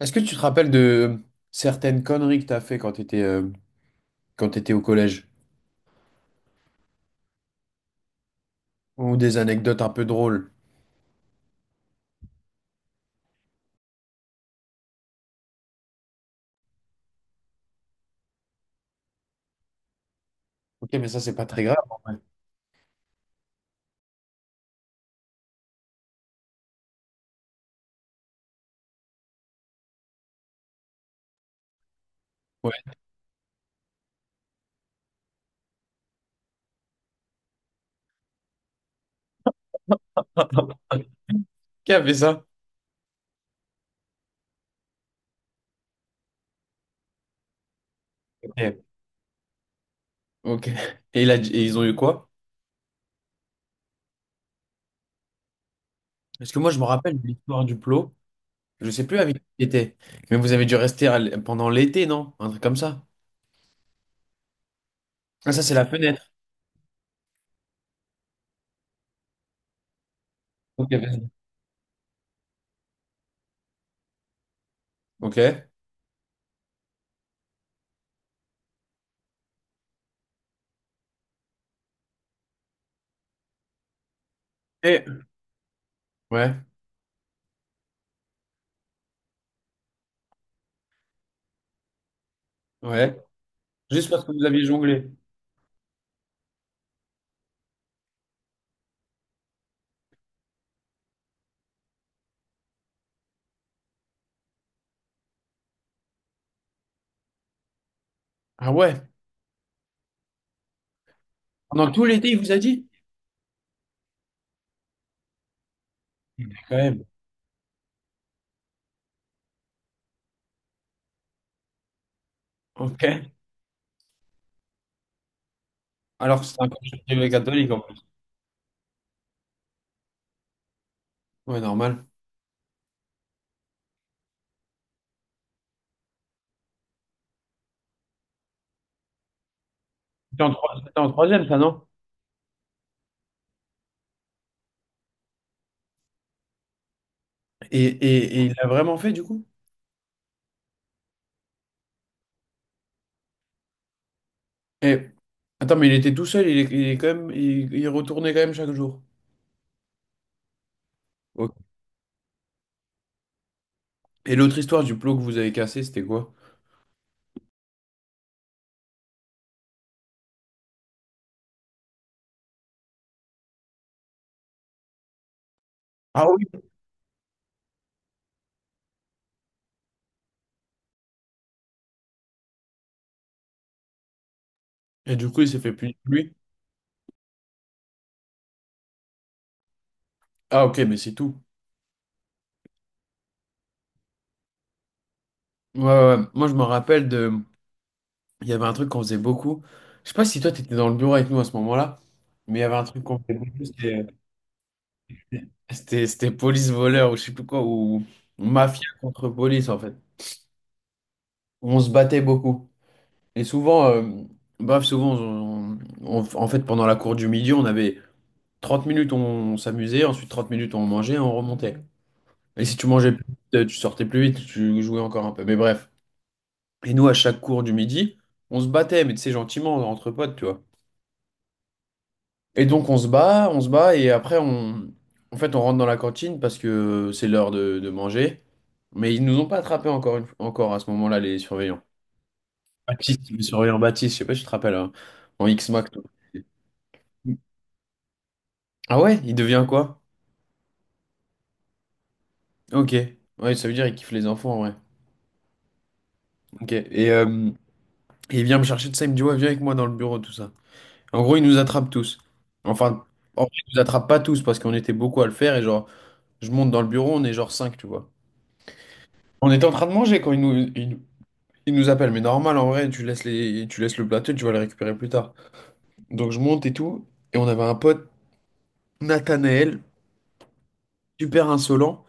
Est-ce que tu te rappelles de certaines conneries que t'as fait quand t'étais au collège? Ou des anecdotes un peu drôles? Ok, mais ça, c'est pas très grave en vrai. Ouais. Qui a fait ça? Ok. Ok. Et, et ils ont eu quoi? Parce que moi, je me rappelle de l'histoire du plot. Je sais plus avec qui était. Mais vous avez dû rester pendant l'été, non? Un truc comme ça. Ah, ça, c'est la fenêtre. Ok, vas-y. Ok. Et... Ouais. Ouais. Juste parce que vous aviez jonglé. Ah ouais? Pendant tout l'été, il vous a dit? Quand même. Ok. Alors que c'est un collège privé catholique, en plus. Ouais, normal. C'était en troisième, ça, non? Et il l'a vraiment fait du coup? Et... Attends, mais il était tout seul, il est quand même, il retournait quand même chaque jour. Ok. Et l'autre histoire du plot que vous avez cassé, c'était quoi? Ah oui. Et du coup, il s'est fait punir lui. Ah ok, mais c'est tout. Ouais, ouais, ouais. Moi, je me rappelle de. Il y avait un truc qu'on faisait beaucoup. Je sais pas si toi, t'étais dans le bureau avec nous à ce moment-là, mais il y avait un truc qu'on faisait beaucoup, c'était c'était police-voleur ou je sais plus quoi, ou mafia contre police en fait. On se battait beaucoup. Et souvent, baf, souvent, on- en fait, pendant la cour du midi, on avait 30 minutes, on s'amusait, ensuite 30 minutes, on mangeait, et on remontait. Et si tu mangeais plus vite, tu sortais plus vite, tu jouais encore un peu. Mais bref. Et nous, à chaque cours du midi, on se battait, mais tu sais, gentiment, entre potes, tu vois. Et donc, on se bat, et après, en fait, on rentre dans la cantine parce que c'est l'heure de manger. Mais ils nous ont pas attrapés encore à ce moment-là, les surveillants. Baptiste, le surveillant Baptiste, je sais pas si tu te rappelles, hein, en X-Mac, toi. Ah ouais, il devient quoi? Ok. Ouais, ça veut dire qu'il kiffe les enfants en vrai. Ok. Et il vient me chercher de ça, il me dit, ouais, viens avec moi dans le bureau, tout ça. En gros, il nous attrape tous. Enfin, en vrai, il nous attrape pas tous parce qu'on était beaucoup à le faire et genre, je monte dans le bureau, on est genre 5, tu vois. On était en train de manger quand il nous appelle, mais normal en vrai, tu laisses le plateau, tu vas le récupérer plus tard. Donc je monte et tout, et on avait un pote, Nathanaël, super insolent,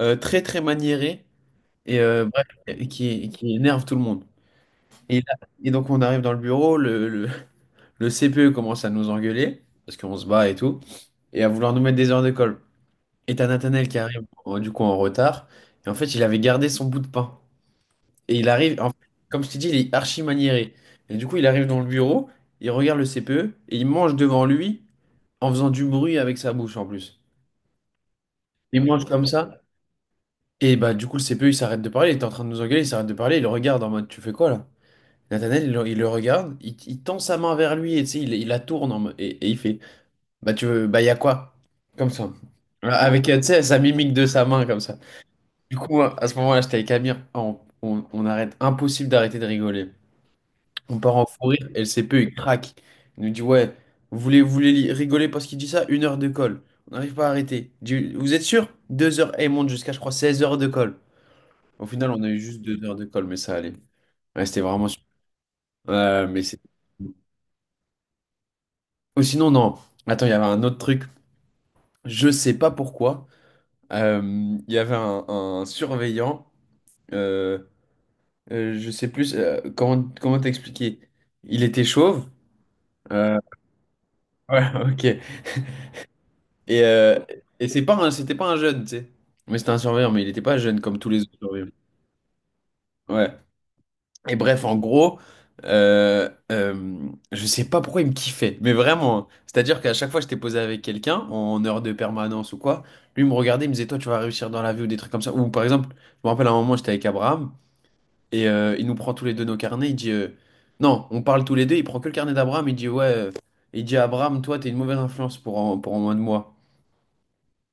très très maniéré, bref, et qui énerve tout le monde. Et, là- et donc on arrive dans le bureau, le CPE commence à nous engueuler, parce qu'on se bat et tout, et à vouloir nous mettre des heures de colle. Et t'as Nathanaël qui arrive du coup en retard, et en fait il avait gardé son bout de pain. Et il arrive, en fait, comme je t'ai dit, il est archi maniéré. Et du coup il arrive dans le bureau, il regarde le CPE, et il mange devant lui en faisant du bruit avec sa bouche en plus. Il mange comme ça, et bah du coup le CPE il s'arrête de parler, il est en train de nous engueuler, il s'arrête de parler, il le regarde en mode tu fais quoi là? Nathanaël, il le regarde, il tend sa main vers lui et tu sais, il la tourne et il fait, bah, tu veux, bah, y a quoi? Comme ça. Voilà, avec, tu sais, sa mimique de sa main, comme ça. Du coup, moi, à ce moment-là, j'étais avec Amir, on arrête, impossible d'arrêter de rigoler. On part en fou rire, et le CPE, il craque. Il nous dit, ouais, vous voulez rigoler parce qu'il dit ça? 1 heure de colle. On n'arrive pas à arrêter. Il dit, vous êtes sûr? 2 heures, et il monte jusqu'à, je crois, 16 heures de colle. Au final, on a eu juste 2 heures de colle, mais ça allait. Ouais, c'était vraiment super. Mais c'est. Ou sinon, non. Attends, il y avait un autre truc. Je sais pas pourquoi. Euh, Il y avait un surveillant. Euh, je sais plus comment t'expliquer. Il était chauve. Euh, ouais, ok. Et, euh, et c'était pas un jeune, tu sais. Mais c'était un surveillant, mais il était pas jeune comme tous les autres surveillants. Ouais. Et bref, en gros, je sais pas pourquoi il me kiffait, mais vraiment, hein. C'est-à-dire qu'à chaque fois que j'étais posé avec quelqu'un, en heure de permanence ou quoi, lui me regardait, il me disait, toi, tu vas réussir dans la vie ou des trucs comme ça. Ou par exemple, je me rappelle à un moment, j'étais avec Abraham, et il nous prend tous les deux nos carnets, il dit, non, on parle tous les deux, il prend que le carnet d'Abraham, il dit, ouais, il dit, Abraham, toi, t'es une mauvaise influence pour en moins de moi.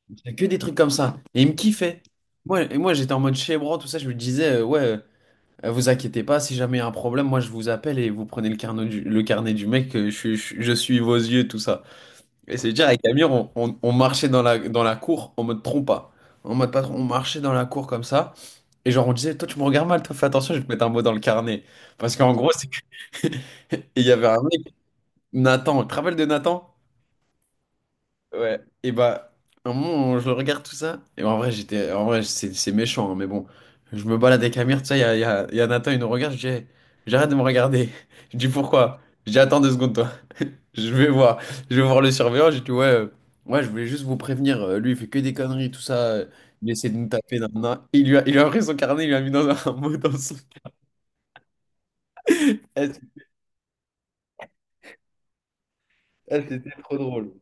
Il disait que des trucs comme ça. Et il me kiffait. Moi, j'étais en mode chébran, tout ça, je me disais, ouais, vous inquiétez pas, si jamais il y a un problème, moi je vous appelle et vous prenez le carnet du mec, je suis vos yeux, tout ça. Et c'est dire, avec Amir, on marchait dans la cour en mode trompa. En mode patron, on marchait dans la cour comme ça. Et genre, on disait, toi tu me regardes mal, toi fais attention, je vais te mettre un mot dans le carnet. Parce qu'en gros, c'est que. Et il y avait un mec, Nathan, tu te rappelles de Nathan? Ouais, et bah, un moment, je le regarde tout ça, et en vrai, c'est méchant, hein, mais bon, je me balade avec Amir, tout ça, il y a, il y a, il y a Nathan, il nous regarde, je dis, hey, j'arrête de me regarder. Je dis, pourquoi? Je dis, attends 2 secondes, toi, je vais voir, je vais voir le surveillant, j'ai dit, ouais, ouais, je voulais juste vous prévenir, lui, il fait que des conneries, tout ça, il essaie de nous taper, nanana. Il lui a pris son carnet, il lui a mis dans un, un mot dans son. Elle, elle, c'était trop drôle.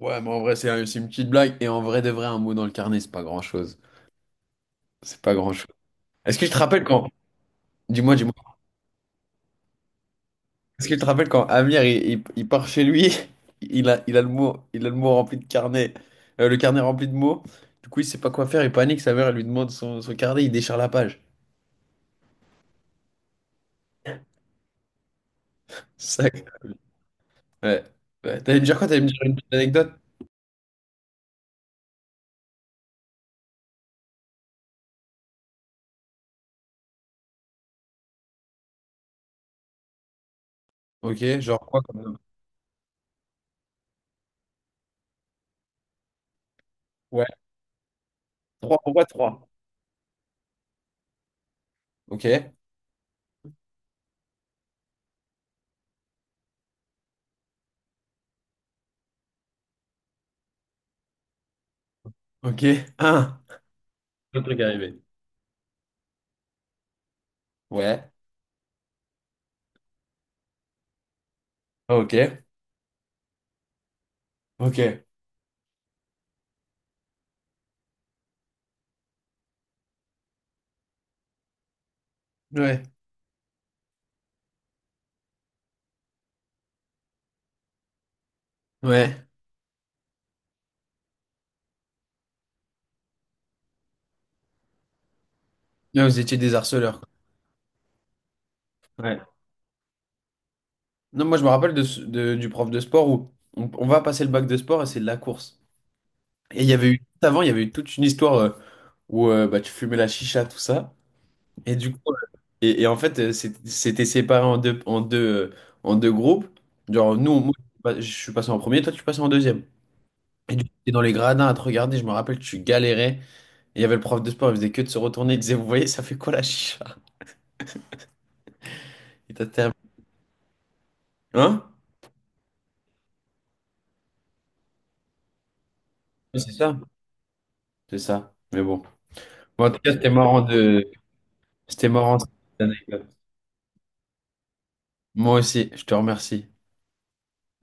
Ouais, mais en vrai, c'est une petite blague, et en vrai de vrai, un mot dans le carnet, c'est pas grand-chose. C'est pas grand-chose. Est-ce que je te rappelle quand, dis-moi, dis-moi. Est-ce que tu te rappelles quand Amir il part chez lui, il a le mot rempli de carnet, le carnet rempli de mots. Du coup, il sait pas quoi faire, il panique, sa mère elle lui demande son carnet, il déchire la page. C'est Ouais. Ouais. T'allais me dire quoi? T'allais me dire une petite anecdote? Ok, genre quoi comme nom. Ouais. Trois, pourquoi trois? Ok. Ok. Un. Le truc arrivé. Ouais. Ok. Ok. Ouais. Ouais. Là, vous étiez des harceleurs, quoi. Ouais. Non, moi je me rappelle du prof de sport où on va passer le bac de sport et c'est de la course. Et il y avait eu, juste avant, il y avait eu toute une histoire où bah, tu fumais la chicha, tout ça. Et du coup, et en fait, c'était séparé en deux groupes. Genre, nous, moi, je suis passé en premier, toi, tu passes en deuxième. Et du coup, t'es dans les gradins à te regarder, je me rappelle, tu galérais. Et il y avait le prof de sport, il faisait que de se retourner, il disait, vous voyez, ça fait quoi la chicha? Et t'as terminé. Hein? Oui, c'est ça, c'est ça. Mais bon. Bon, en tout cas, c'était marrant de. C'était marrant. Moi aussi, je te remercie.